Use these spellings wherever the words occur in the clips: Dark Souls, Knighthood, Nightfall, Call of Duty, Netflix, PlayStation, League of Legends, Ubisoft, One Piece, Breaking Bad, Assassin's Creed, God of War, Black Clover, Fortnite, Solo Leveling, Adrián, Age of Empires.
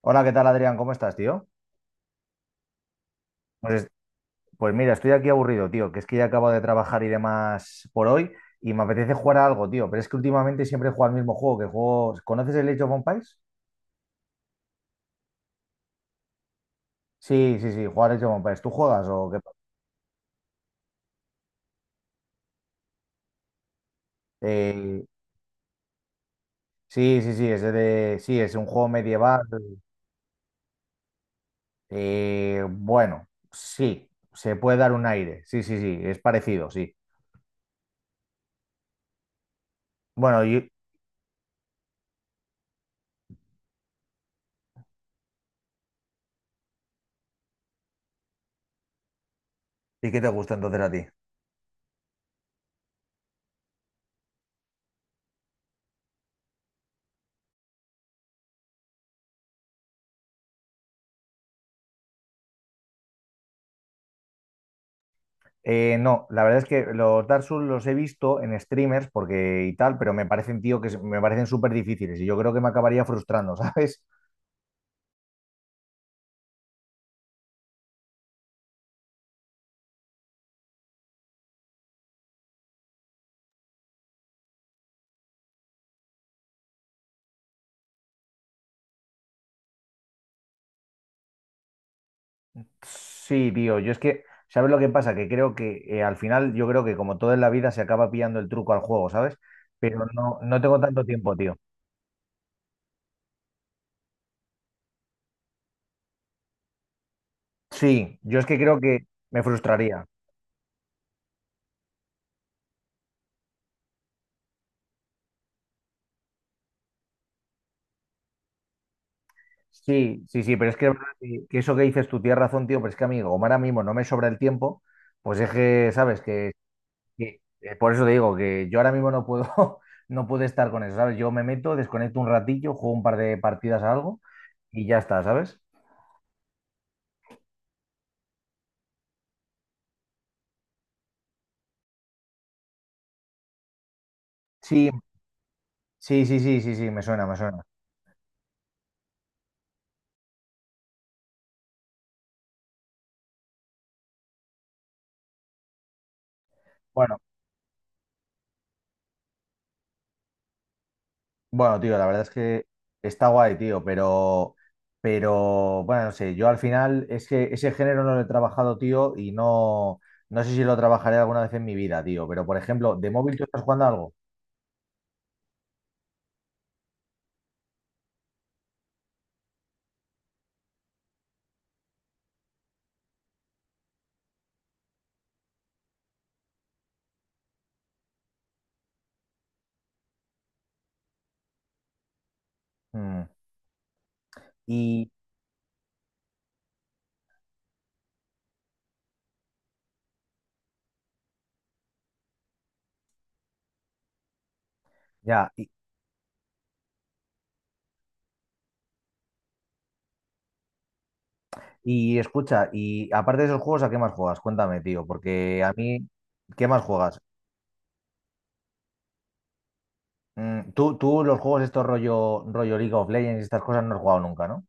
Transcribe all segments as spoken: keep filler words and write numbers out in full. Hola, ¿qué tal, Adrián? ¿Cómo estás, tío? Pues, pues mira, estoy aquí aburrido, tío, que es que ya acabo de trabajar y demás por hoy y me apetece jugar a algo, tío, pero es que últimamente siempre juego al mismo juego, que juego... ¿Conoces el Age of Empires? Sí, sí, sí, jugar Age of Empires. ¿Tú juegas o qué? Eh, sí, sí, sí, es de... Sí, es un juego medieval. Eh, bueno, sí, se puede dar un aire. Sí, sí, sí, es parecido, sí. Bueno, ¿y, ¿y qué te gusta entonces a ti? Eh, no, la verdad es que los Dark Souls los he visto en streamers porque y tal, pero me parecen, tío, que se- me parecen súper difíciles y yo creo que me acabaría frustrando, ¿sabes? Sí, tío, yo es que, ¿sabes lo que pasa? Que creo que eh, al final, yo creo que como todo en la vida se acaba pillando el truco al juego, ¿sabes? Pero no, no tengo tanto tiempo, tío. Sí, yo es que creo que me frustraría. Sí, sí, sí, pero es que, es verdad que- que eso que dices tú tienes razón, tío, pero es que amigo, como ahora mismo no me sobra el tiempo, pues es que, ¿sabes? Que que- eh, por eso te digo que yo ahora mismo no puedo, no puedo estar con eso, ¿sabes? Yo me meto, desconecto un ratillo, juego un par de partidas a algo y ya está, ¿sabes? Sí, sí, sí, sí, sí, sí, me suena, me suena. Bueno, bueno, tío, la verdad es que está guay, tío, pero, pero, bueno, no sé, yo al final es que ese género no lo he trabajado, tío, y no, no sé si lo trabajaré alguna vez en mi vida, tío, pero por ejemplo, de móvil tú estás jugando a algo. Mm. Y ya, y, Y escucha, y aparte de esos juegos, ¿a qué más juegas? Cuéntame, tío, porque a mí, ¿qué más juegas? Mm, tú, tú los juegos estos rollo, rollo League of Legends y estas cosas no has jugado nunca, ¿no?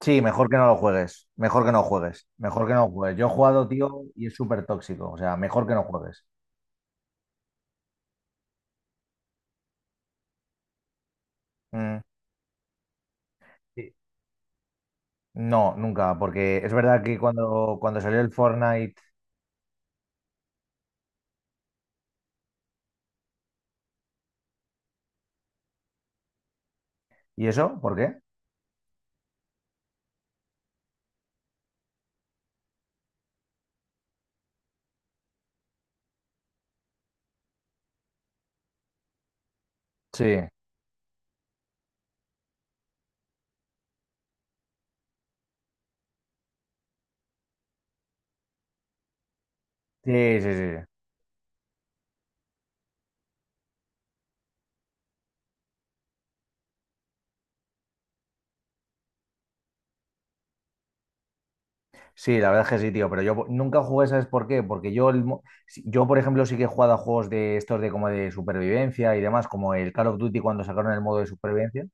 Sí, mejor que no lo juegues, mejor que no juegues, mejor que no juegues. Yo he jugado, tío, y es súper tóxico, o sea, mejor que no juegues. Mm, sí. No, nunca, porque es verdad que cuando, cuando salió el Fortnite y eso, ¿por qué? Sí. Sí, sí, sí. Sí, la verdad es que sí, tío, pero yo po- nunca jugué, ¿sabes por qué? Porque yo, el mo- si- yo, por ejemplo, sí que he jugado a juegos de estos de como de supervivencia y demás, como el Call of Duty cuando sacaron el modo de supervivencia.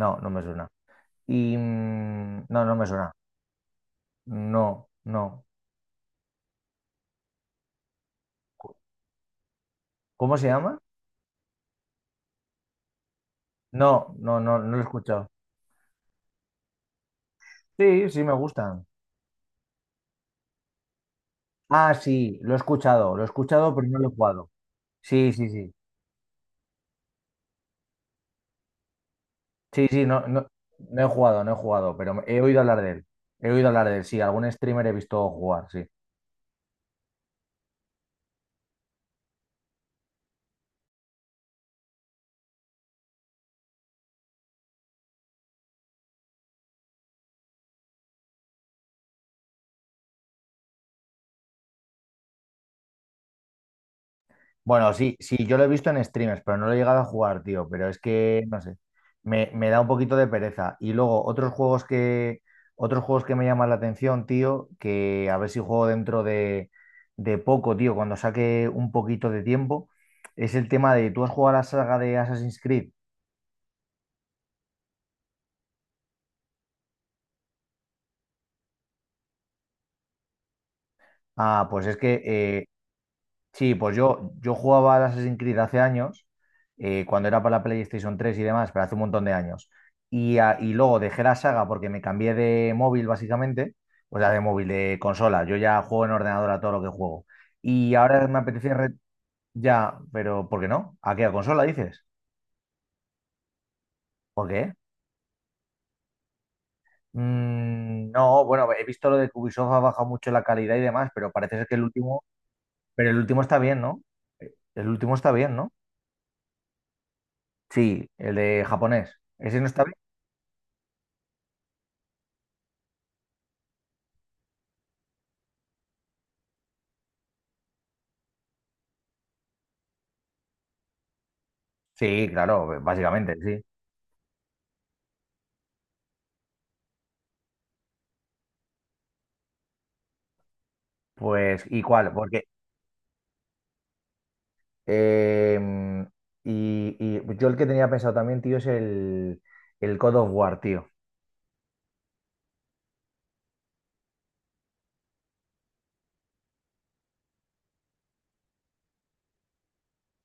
No, no me suena. Y mm, no, no me suena. No, no. ¿Cómo se llama? No, no, no, no lo he escuchado. Sí, sí, me gustan. Ah, sí, lo he escuchado, lo he escuchado, pero no lo he jugado. Sí, sí, sí. Sí, sí, no, no, no he jugado, no he jugado, pero he oído hablar de él. He oído hablar de él, sí, algún streamer he visto jugar, sí. Bueno, sí, sí, yo lo he visto en streamers, pero no lo he llegado a jugar, tío. Pero es que, no sé, me, me da un poquito de pereza. Y luego, otros juegos que, otros juegos que me llaman la atención, tío, que a ver si juego dentro de, de poco, tío, cuando saque un poquito de tiempo, es el tema de, ¿tú has jugado a la saga de Assassin's Creed? Ah, pues es que eh, sí, pues yo, yo jugaba al Assassin's Creed hace años, eh, cuando era para la PlayStation tres y demás, pero hace un montón de años. Y, a- y luego dejé la saga porque me cambié de móvil, básicamente, o sea, de móvil, de consola. Yo ya juego en ordenador a todo lo que juego. Y ahora me apetece re- ya, pero ¿por qué no? ¿A qué? ¿A consola dices? ¿Por qué? Mm, no, bueno, he visto lo de que Ubisoft ha bajado mucho la calidad y demás, pero parece ser que el último, pero el último está bien, ¿no? El último está bien, ¿no? Sí, el de japonés. Ese no está Sí, claro, básicamente, sí. Pues, ¿y cuál? Porque, em, y, y yo el que tenía pensado también, tío, es el, el God of War, tío.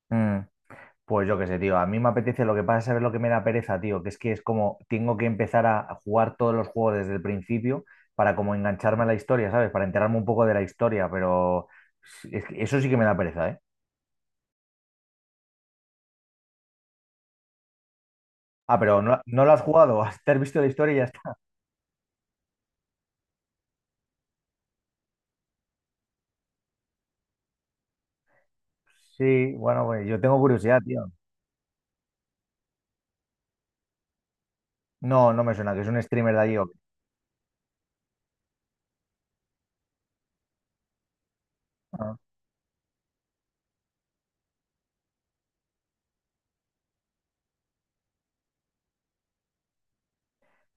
Mm, pues yo qué sé, tío, a mí me apetece, lo que pasa es saber lo que me da pereza, tío, que es que es como, tengo que empezar a a jugar todos los juegos desde el principio para como engancharme a la historia, ¿sabes? Para enterarme un poco de la historia, pero es que eso sí que me da pereza, ¿eh? Ah, pero no, no lo has jugado, te has visto la historia y ya está. Sí, bueno, pues yo tengo curiosidad, tío. No, no me suena, que es un streamer de allí. O qué. Ah.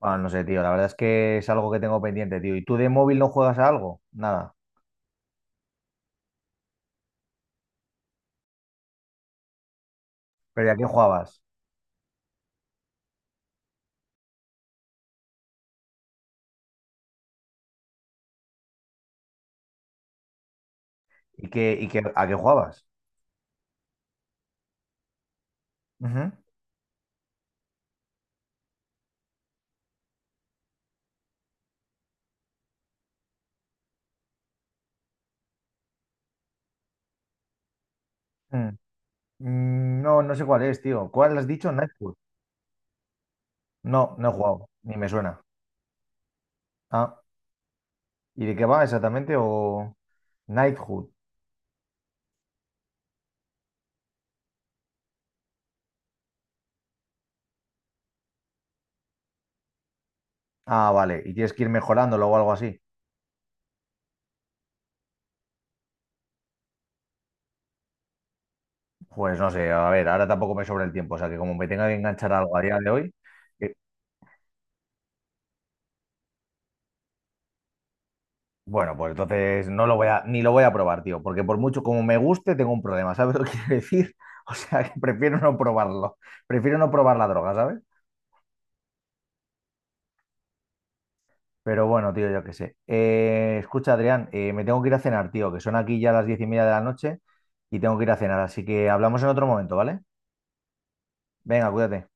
Bueno, no sé, tío, la verdad es que es algo que tengo pendiente, tío. ¿Y tú de móvil no juegas a algo? Nada. ¿Pero ¿y a qué jugabas? ¿Y qué, y qué, ¿a qué jugabas? Ujú. Mm. Mm, no, no sé cuál es, tío. ¿Cuál has dicho? Nightfall. No, no he jugado, ni me suena. Ah, ¿y de qué va exactamente? ¿O Knighthood? Ah, vale, y tienes que ir mejorándolo o algo así. Pues no sé, a ver, ahora tampoco me sobra el tiempo, o sea que como me tenga que enganchar a algo a día de hoy, eh, bueno, pues entonces no lo voy a, ni lo voy a probar, tío, porque por mucho como me guste, tengo un problema, ¿sabes lo que quiero decir? O sea, que prefiero no probarlo, prefiero no probar la droga, ¿sabes? Pero bueno, tío, yo qué sé. Eh, escucha, Adrián, eh, me tengo que ir a cenar, tío, que son aquí ya las diez y media de la noche y tengo que ir a cenar, así que hablamos en otro momento, ¿vale? Venga, cuídate.